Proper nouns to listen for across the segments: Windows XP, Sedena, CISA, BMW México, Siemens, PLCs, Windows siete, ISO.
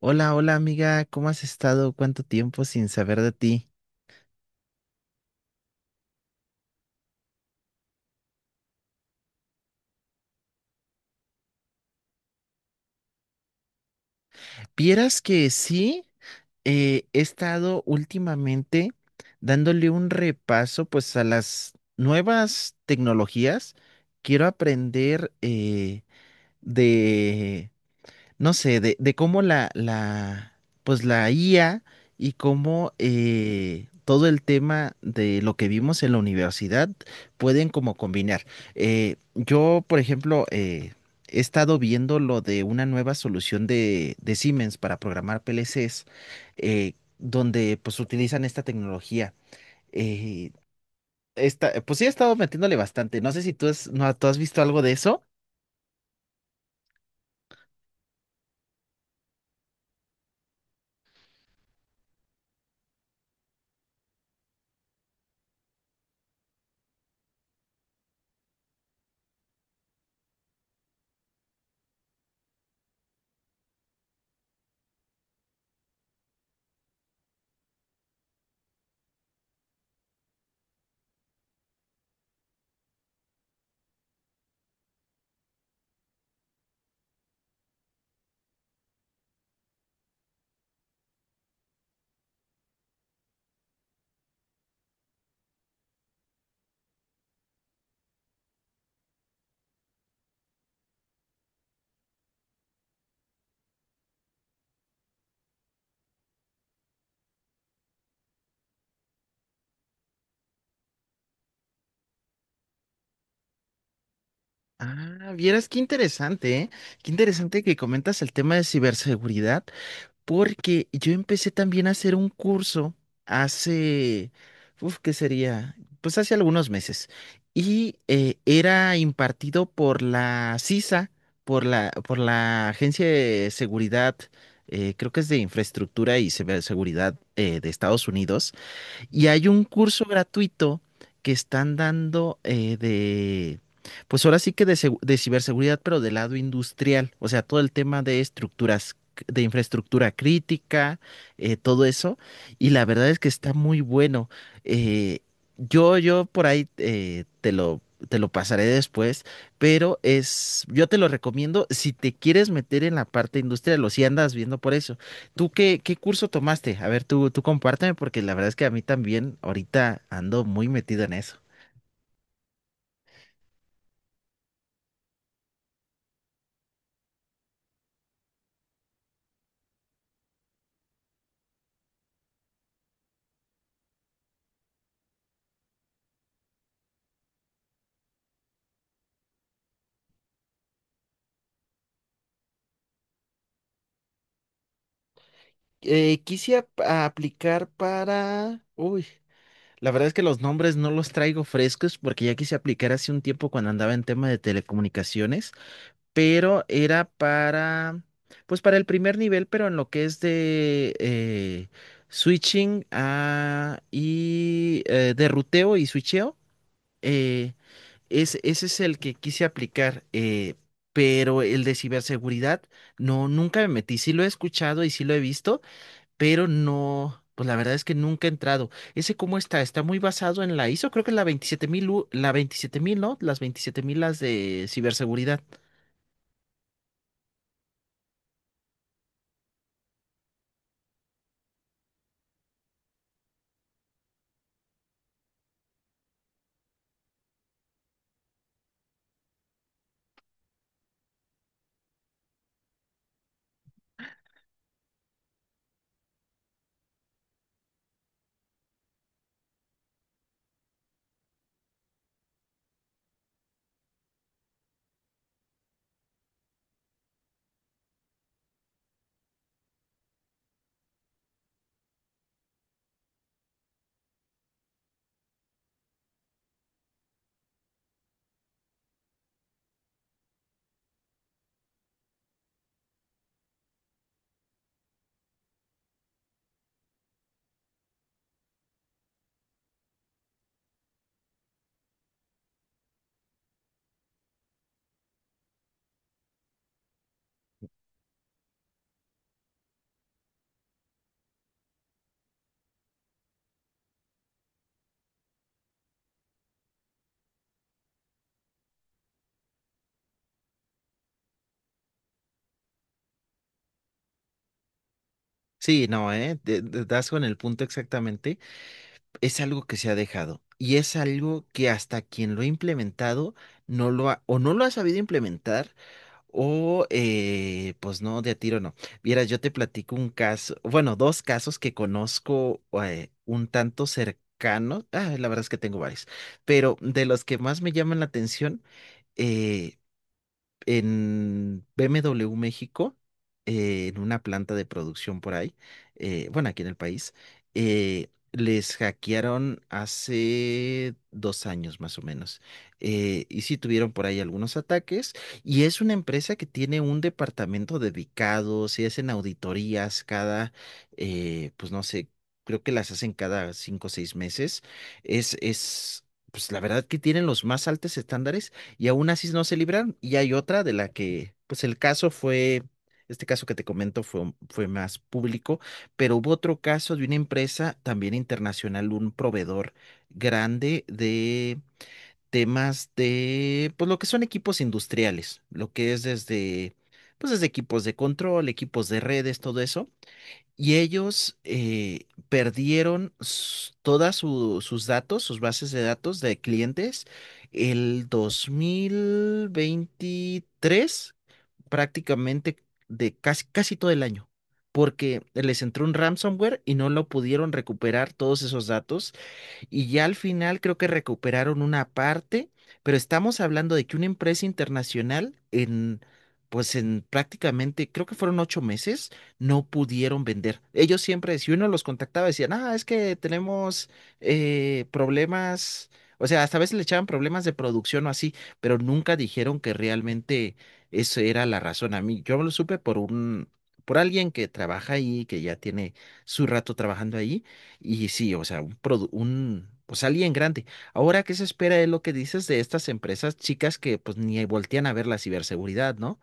Hola, hola amiga, ¿cómo has estado? ¿Cuánto tiempo sin saber de ti? Vieras que sí, he estado últimamente dándole un repaso pues a las nuevas tecnologías. Quiero aprender de no sé, de cómo pues la IA y cómo todo el tema de lo que vimos en la universidad pueden como combinar. Yo, por ejemplo, he estado viendo lo de una nueva solución de Siemens para programar PLCs, eh, donde pues utilizan esta tecnología. Eh, Esta, pues sí, he estado metiéndole bastante. No sé si tú, no, ¿tú has visto algo de eso? Ah, vieras qué interesante, ¿eh? Qué interesante que comentas el tema de ciberseguridad, porque yo empecé también a hacer un curso hace, uf, ¿qué sería? Pues hace algunos meses. Y era impartido por la CISA, por la Agencia de Seguridad, creo que es de Infraestructura y Ciberseguridad de Estados Unidos. Y hay un curso gratuito que están dando de, pues ahora sí que de, de ciberseguridad, pero del lado industrial, o sea, todo el tema de estructuras, de infraestructura crítica, todo eso. Y la verdad es que está muy bueno. Eh, yo por ahí te lo pasaré después, pero es, yo te lo recomiendo si te quieres meter en la parte industrial o si andas viendo por eso. ¿Tú qué curso tomaste? A ver, tú compárteme porque la verdad es que a mí también ahorita ando muy metido en eso. Quise a aplicar para... Uy, la verdad es que los nombres no los traigo frescos porque ya quise aplicar hace un tiempo cuando andaba en tema de telecomunicaciones, pero era para, pues para el primer nivel, pero en lo que es de switching a, y de ruteo y switcheo. eh, Ese es el que quise aplicar, pero el de ciberseguridad, no, nunca me metí. Sí lo he escuchado y sí lo he visto, pero no, pues la verdad es que nunca he entrado. ¿Ese cómo está? Está muy basado en la ISO, creo que es la 27,000, la veintisiete mil, ¿no? Las veintisiete mil, las de ciberseguridad. Sí, no, ¿eh? Das con el punto exactamente. Es algo que se ha dejado y es algo que hasta quien lo ha implementado no lo ha, o no lo ha sabido implementar o pues no, de a tiro no. Vieras, yo te platico un caso, bueno, dos casos que conozco un tanto cercanos, ah, la verdad es que tengo varios, pero de los que más me llaman la atención eh, en BMW México, en una planta de producción por ahí, bueno, aquí en el país, les hackearon hace dos años más o menos. Y sí tuvieron por ahí algunos ataques. Y es una empresa que tiene un departamento dedicado, si hacen auditorías cada, pues no sé, creo que las hacen cada cinco o seis meses. Es, es, pues la verdad que tienen los más altos estándares y aún así no se libraron. Y hay otra de la que, pues el caso fue, este caso que te comento fue, fue más público, pero hubo otro caso de una empresa también internacional, un proveedor grande de temas de, pues lo que son equipos industriales, lo que es desde, pues desde equipos de control, equipos de redes, todo eso. Y ellos perdieron todas sus datos, sus bases de datos de clientes el 2023, prácticamente de casi, casi todo el año, porque les entró un ransomware y no lo pudieron recuperar todos esos datos. Y ya al final creo que recuperaron una parte, pero estamos hablando de que una empresa internacional en, pues en prácticamente, creo que fueron ocho meses, no pudieron vender. Ellos siempre, si uno los contactaba, decían, ah, es que tenemos problemas, o sea, hasta a veces le echaban problemas de producción o así, pero nunca dijeron que realmente eso era la razón. A mí, yo lo supe por por alguien que trabaja ahí, que ya tiene su rato trabajando ahí, y sí, o sea, un, produ- un pues alguien grande. Ahora, ¿qué se espera de lo que dices de estas empresas chicas que pues ni voltean a ver la ciberseguridad, ¿no?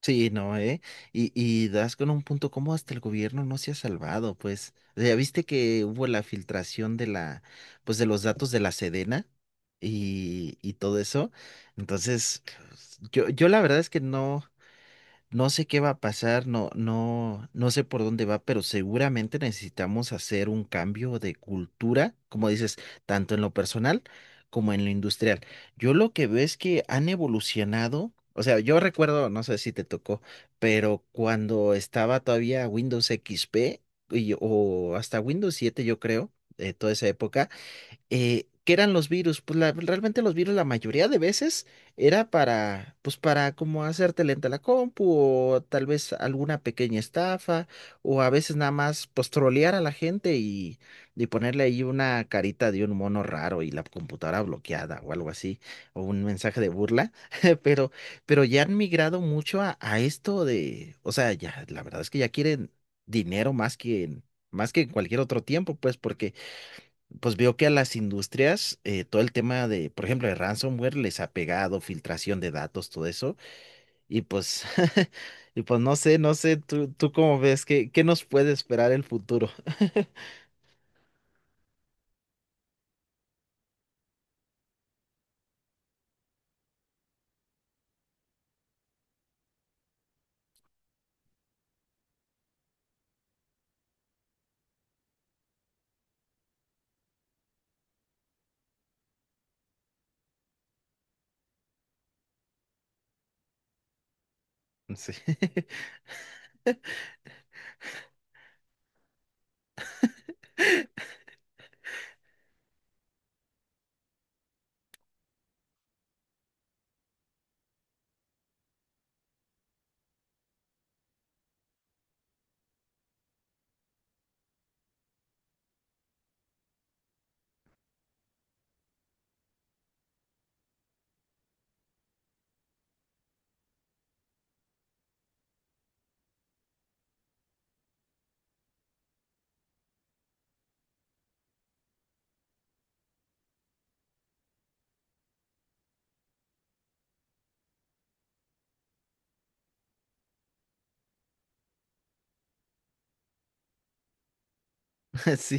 Sí, no, ¿eh? Y das con un punto como hasta el gobierno no se ha salvado, pues. Ya viste que hubo la filtración de la, pues de los datos de la Sedena y todo eso. Entonces, pues, yo la verdad es que no. No sé qué va a pasar, no, no, no sé por dónde va, pero seguramente necesitamos hacer un cambio de cultura, como dices, tanto en lo personal como en lo industrial. Yo lo que veo es que han evolucionado, o sea, yo recuerdo, no sé si te tocó, pero cuando estaba todavía Windows XP o hasta Windows siete yo creo, de toda esa época ¿qué eran los virus? Pues realmente los virus la mayoría de veces era para, pues para como hacerte lenta la compu o tal vez alguna pequeña estafa o a veces nada más pues trolear a la gente y ponerle ahí una carita de un mono raro y la computadora bloqueada o algo así o un mensaje de burla, pero, ya han migrado mucho a, esto de, o sea, ya la verdad es que ya quieren dinero más que en cualquier otro tiempo, pues porque pues veo que a las industrias todo el tema de, por ejemplo, de ransomware les ha pegado, filtración de datos, todo eso. Y pues, y pues no sé, no sé, tú cómo ves, ¿qué nos puede esperar el futuro? Sí. Sí.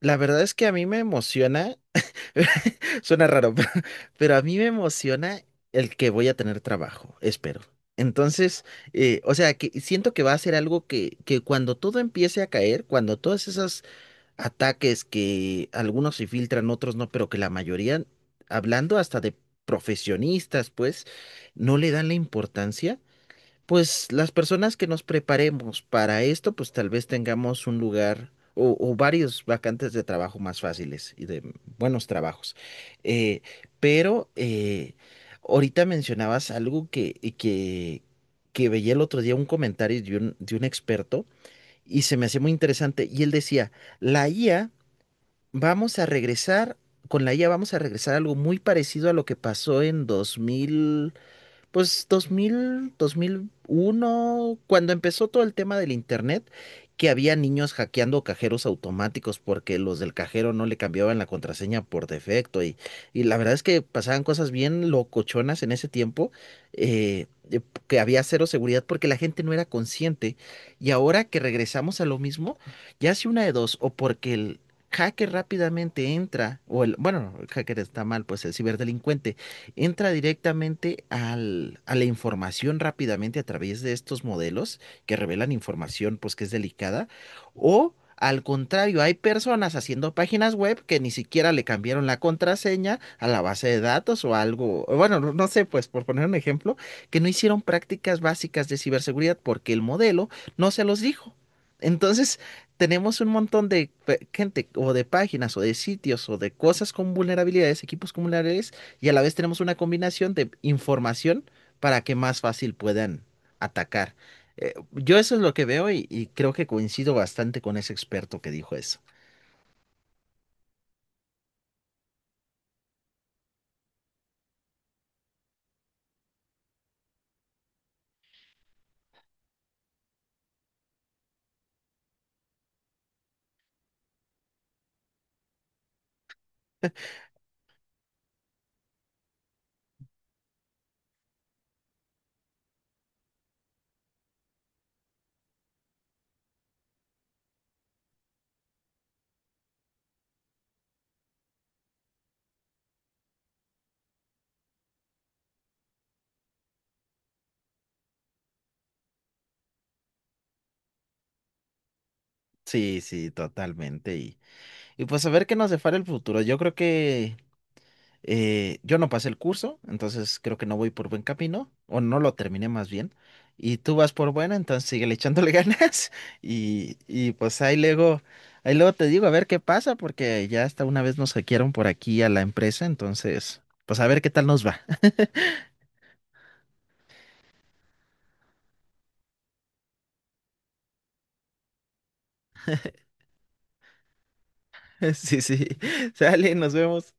La verdad es que a mí me emociona, suena raro, pero, a mí me emociona el que voy a tener trabajo, espero. Entonces, o sea, que siento que va a ser algo que cuando todo empiece a caer, cuando todas esas ataques que algunos se filtran, otros no, pero que la mayoría, hablando hasta de profesionistas, pues, no le dan la importancia, pues las personas que nos preparemos para esto, pues tal vez tengamos un lugar o varios vacantes de trabajo más fáciles y de buenos trabajos. Eh, pero ahorita mencionabas algo que veía el otro día, un comentario de un experto. Y se me hacía muy interesante. Y él decía, la IA vamos a regresar, con la IA vamos a regresar a algo muy parecido a lo que pasó en 2000 pues 2000, 2001, cuando empezó todo el tema del internet, que había niños hackeando cajeros automáticos porque los del cajero no le cambiaban la contraseña por defecto y la verdad es que pasaban cosas bien locochonas en ese tiempo, eh, eh, que había cero seguridad porque la gente no era consciente y ahora que regresamos a lo mismo, ya hace una de dos, o porque hacker rápidamente entra, o el, bueno, el hacker está mal, pues el ciberdelincuente entra directamente a la información rápidamente a través de estos modelos que revelan información pues que es delicada o al contrario, hay personas haciendo páginas web que ni siquiera le cambiaron la contraseña a la base de datos o algo, o bueno, no no sé, pues por poner un ejemplo, que no hicieron prácticas básicas de ciberseguridad porque el modelo no se los dijo. Entonces, tenemos un montón de gente o de páginas o de sitios o de cosas con vulnerabilidades, equipos con vulnerabilidades y a la vez tenemos una combinación de información para que más fácil puedan atacar. Yo eso es lo que veo y creo que coincido bastante con ese experto que dijo eso. Sí, sí, totalmente. Y pues a ver qué nos depara el futuro. Yo creo que yo no pasé el curso, entonces creo que no voy por buen camino, o no lo terminé más bien. Y tú vas por buena, entonces sigue echándole ganas. Y pues ahí luego, te digo a ver qué pasa, porque ya hasta una vez nos hackearon por aquí a la empresa, entonces, pues a ver qué tal nos va. Sí, sí. Sale, nos vemos.